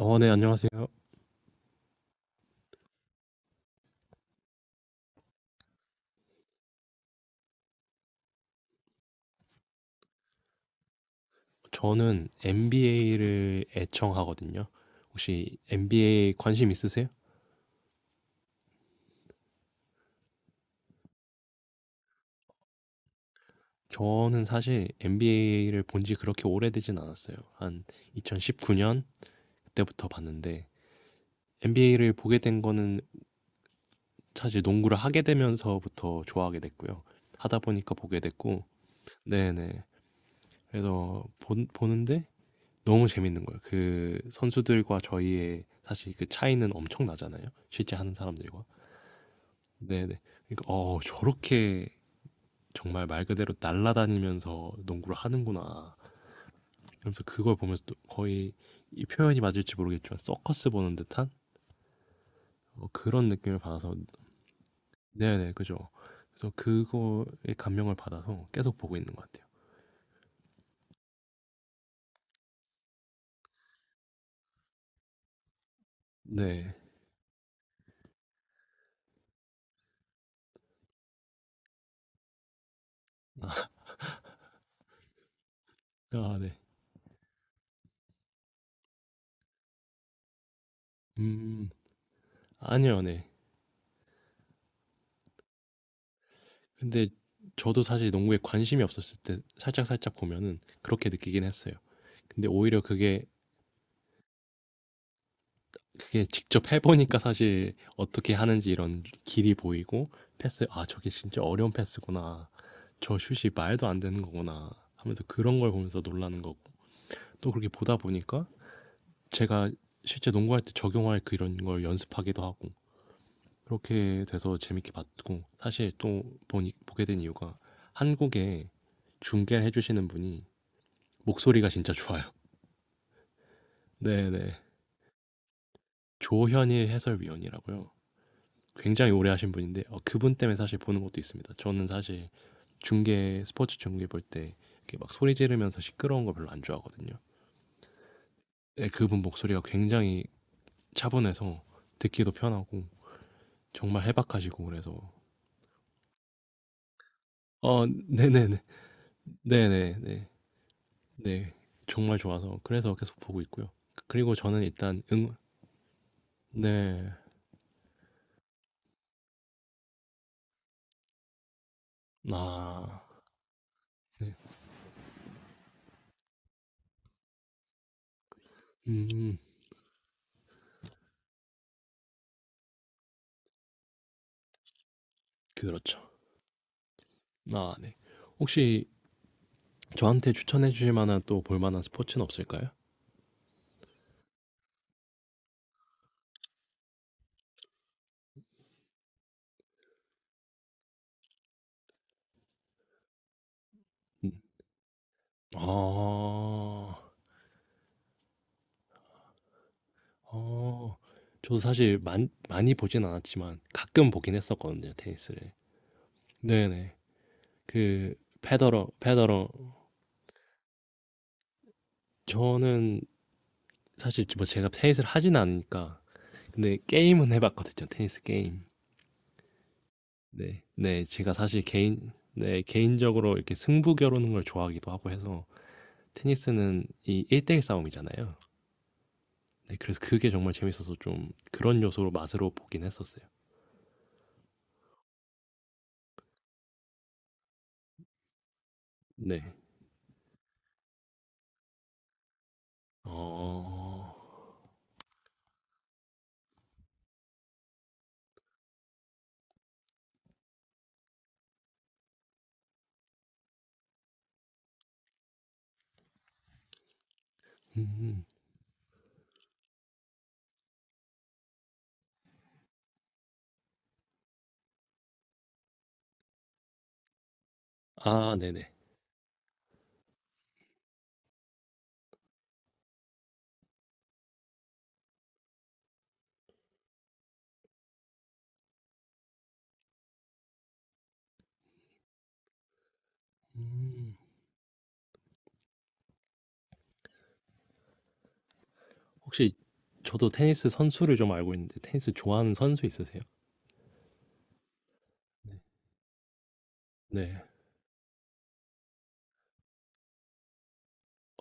네, 안녕하세요. 저는 NBA를 애청하거든요. 혹시 NBA 관심 있으세요? 저는 사실 NBA를 본지 그렇게 오래되진 않았어요. 한 2019년 그때부터 봤는데 NBA를 보게 된 거는 사실 농구를 하게 되면서부터 좋아하게 됐고요. 하다 보니까 보게 됐고, 네네. 그래서 보는데 너무 재밌는 거예요. 그 선수들과 저희의 사실 그 차이는 엄청 나잖아요. 실제 하는 사람들과. 네네. 그러니까 저렇게 정말 말 그대로 날아다니면서 농구를 하는구나. 그러면서 그걸 보면서 또 거의 이 표현이 맞을지 모르겠지만 서커스 보는 듯한 그런 느낌을 받아서 네네 그죠. 그래서 그거에 감명을 받아서 계속 보고 있는 것 같아요. 네. 아, 네. 음 아니요, 네. 근데 저도 사실 농구에 관심이 없었을 때 살짝 살짝 보면은 그렇게 느끼긴 했어요. 근데 오히려 그게 직접 해보니까 사실 어떻게 하는지 이런 길이 보이고 패스, 아, 저게 진짜 어려운 패스구나. 저 슛이 말도 안 되는 거구나. 하면서 그런 걸 보면서 놀라는 거고. 또 그렇게 보다 보니까 제가 실제 농구할 때 적용할 그런 걸 연습하기도 하고. 그렇게 돼서 재밌게 봤고. 사실 또 보게 된 이유가 한국에 중계를 해주시는 분이 목소리가 진짜 좋아요. 네네. 조현일 해설위원이라고요. 굉장히 오래 하신 분인데 그분 때문에 사실 보는 것도 있습니다. 저는 사실 중계 스포츠 중계 볼 때 이렇게 막 소리 지르면서 시끄러운 거 별로 안 좋아하거든요. 네, 그분 목소리가 굉장히 차분해서 듣기도 편하고 정말 해박하시고 그래서 네네네 네네네 네 네, 정말 좋아서 그래서 계속 보고 있고요. 그리고 저는 일단 응네아네음 그렇죠 아네 혹시 저한테 추천해 주실 만한 또 볼 만한 스포츠는 없을까요? 음, 아. 어. 저도 사실 많 많이 보진 않았지만 가끔 보긴 했었거든요, 테니스를. 네네. 그 페더러 저는 사실 뭐 제가 테니스를 하진 않으니까 근데 게임은 해 봤거든요, 테니스 게임. 네. 네. 제가 사실 개인 네, 개인적으로 이렇게 승부 겨루는 걸 좋아하기도 하고 해서 테니스는 이 1대1 싸움이잖아요. 네, 그래서 그게 정말 재밌어서 좀 그런 요소로 맛으로 보긴 했었어요. 네. 어. 음. 아, 네네. 음. 혹시 저도 테니스 선수를 좀 알고 있는데 테니스 좋아하는 선수 있으세요? 네. 네.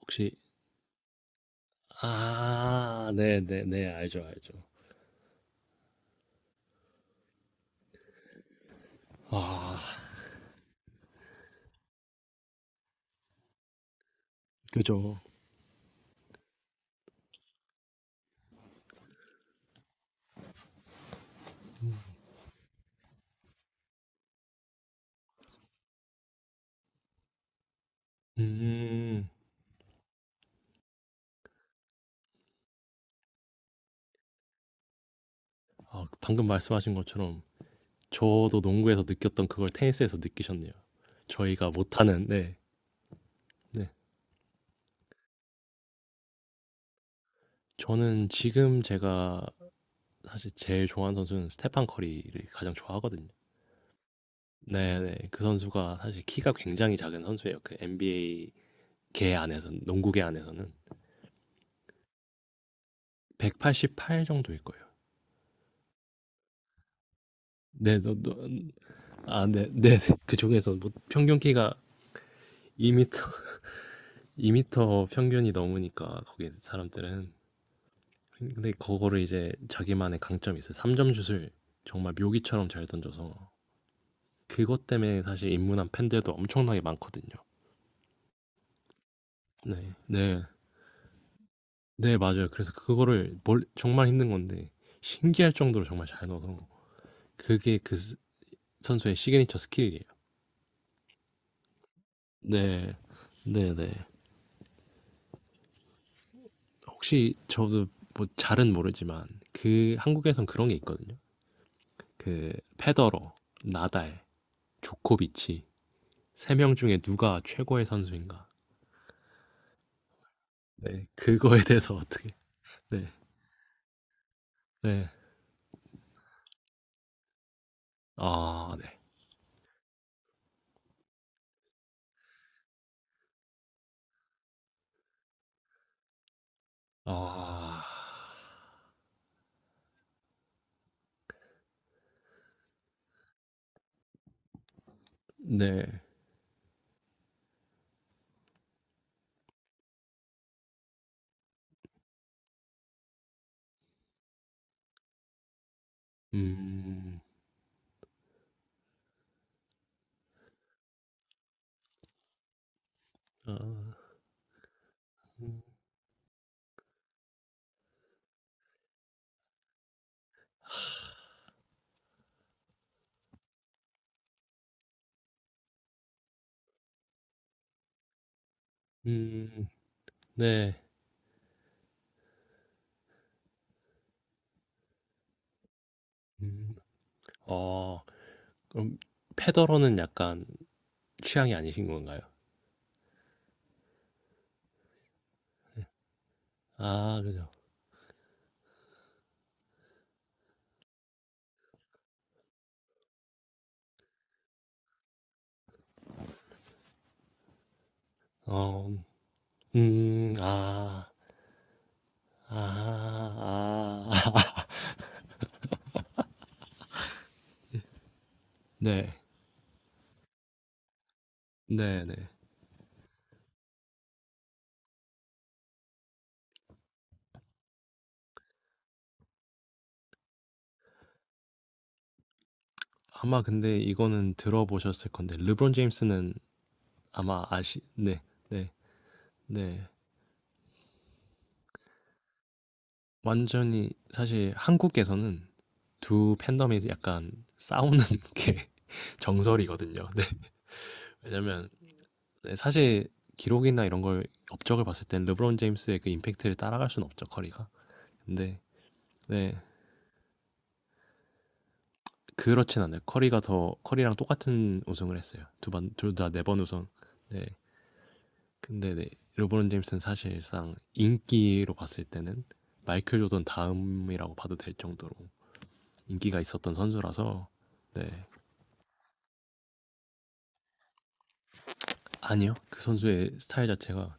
혹시 아, 네네네. 알죠, 알죠. 아. 그죠. 음. 아, 방금 말씀하신 것처럼 저도 농구에서 느꼈던 그걸 테니스에서 느끼셨네요. 저희가 못하는 네. 네. 저는 지금 제가 사실 제일 좋아하는 선수는 스테판 커리를 가장 좋아하거든요. 네네. 그 선수가 사실 키가 굉장히 작은 선수예요. 그 NBA 개 안에서 농구계 안에서는 188 정도일 거예요. 네, 아, 네, 네. 네. 그 중에서 뭐 평균 키가 2미터, 2미터 평균이 넘으니까 거기 사람들은 근데 그거를 이제 자기만의 강점이 있어요. 3점 슛을 정말 묘기처럼 잘 던져서 그것 때문에 사실 입문한 팬들도 엄청나게 많거든요. 네, 네, 네, 맞아요. 그래서 그거를 정말 힘든 건데 신기할 정도로 정말 잘 넣어서 그게 그 선수의 시그니처 스킬이에요. 네. 네네. 혹시 저도 뭐 잘은 모르지만 그 한국에선 그런 게 있거든요. 그 페더러, 나달, 조코비치 3명 중에 누가 최고의 선수인가? 네. 그거에 대해서 어떻게? 네. 네. 아, 네. 아. 네. 음. 아. 음. 음. 네. 음. 어. 그럼 페더러는 약간 취향이 아니신 건가요? 아, 그죠. 어, 아. 아. 아. 네. 네네. 아마 근데 이거는 들어보셨을 건데 르브론 제임스는 아마 아시 네. 네. 네. 완전히 사실 한국에서는 두 팬덤이 약간 싸우는 게 정설이거든요. 네. 왜냐면 네 사실 기록이나 이런 걸 업적을 봤을 땐 르브론 제임스의 그 임팩트를 따라갈 수는 없죠, 커리가. 근데 네. 그렇진 않아요. 커리가 더 커리랑 똑같은 우승을 했어요. 2번, 둘 다 4번 우승. 네. 근데 네, 르브론 제임스는 사실상 인기로 봤을 때는 마이클 조던 다음이라고 봐도 될 정도로 인기가 있었던 선수라서 네. 아니요. 그 선수의 스타일 자체가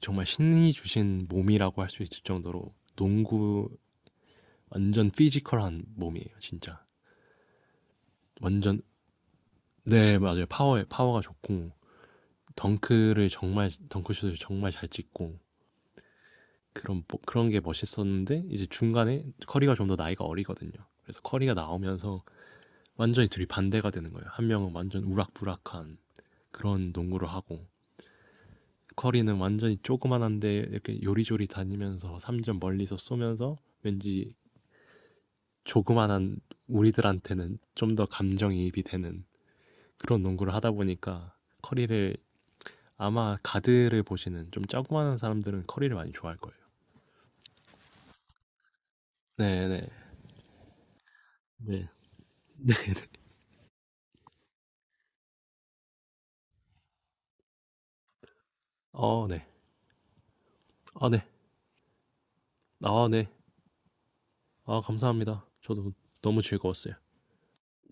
정말 신이 주신 몸이라고 할 수 있을 정도로 농구 완전 피지컬한 몸이에요, 진짜. 완전 네, 맞아요. 파워에 파워가 좋고 덩크를 정말 덩크슛을 정말 잘 찍고 그런 게 멋있었는데 이제 중간에 커리가 좀 더 나이가 어리거든요. 그래서 커리가 나오면서 완전히 둘이 반대가 되는 거예요. 한 명은 완전 우락부락한 그런 농구를 하고 커리는 완전히 조그만한데 이렇게 요리조리 다니면서 3점 멀리서 쏘면서 왠지 조그만한 우리들한테는 좀 더 감정이입이 되는 그런 농구를 하다 보니까 커리를 아마 가드를 보시는 좀 조그만한 사람들은 커리를 많이 좋아할 거예요. 네네. 네. 어, 네. 아, 네. 아, 네. 아, 감사합니다. 저도 너무 즐거웠어요.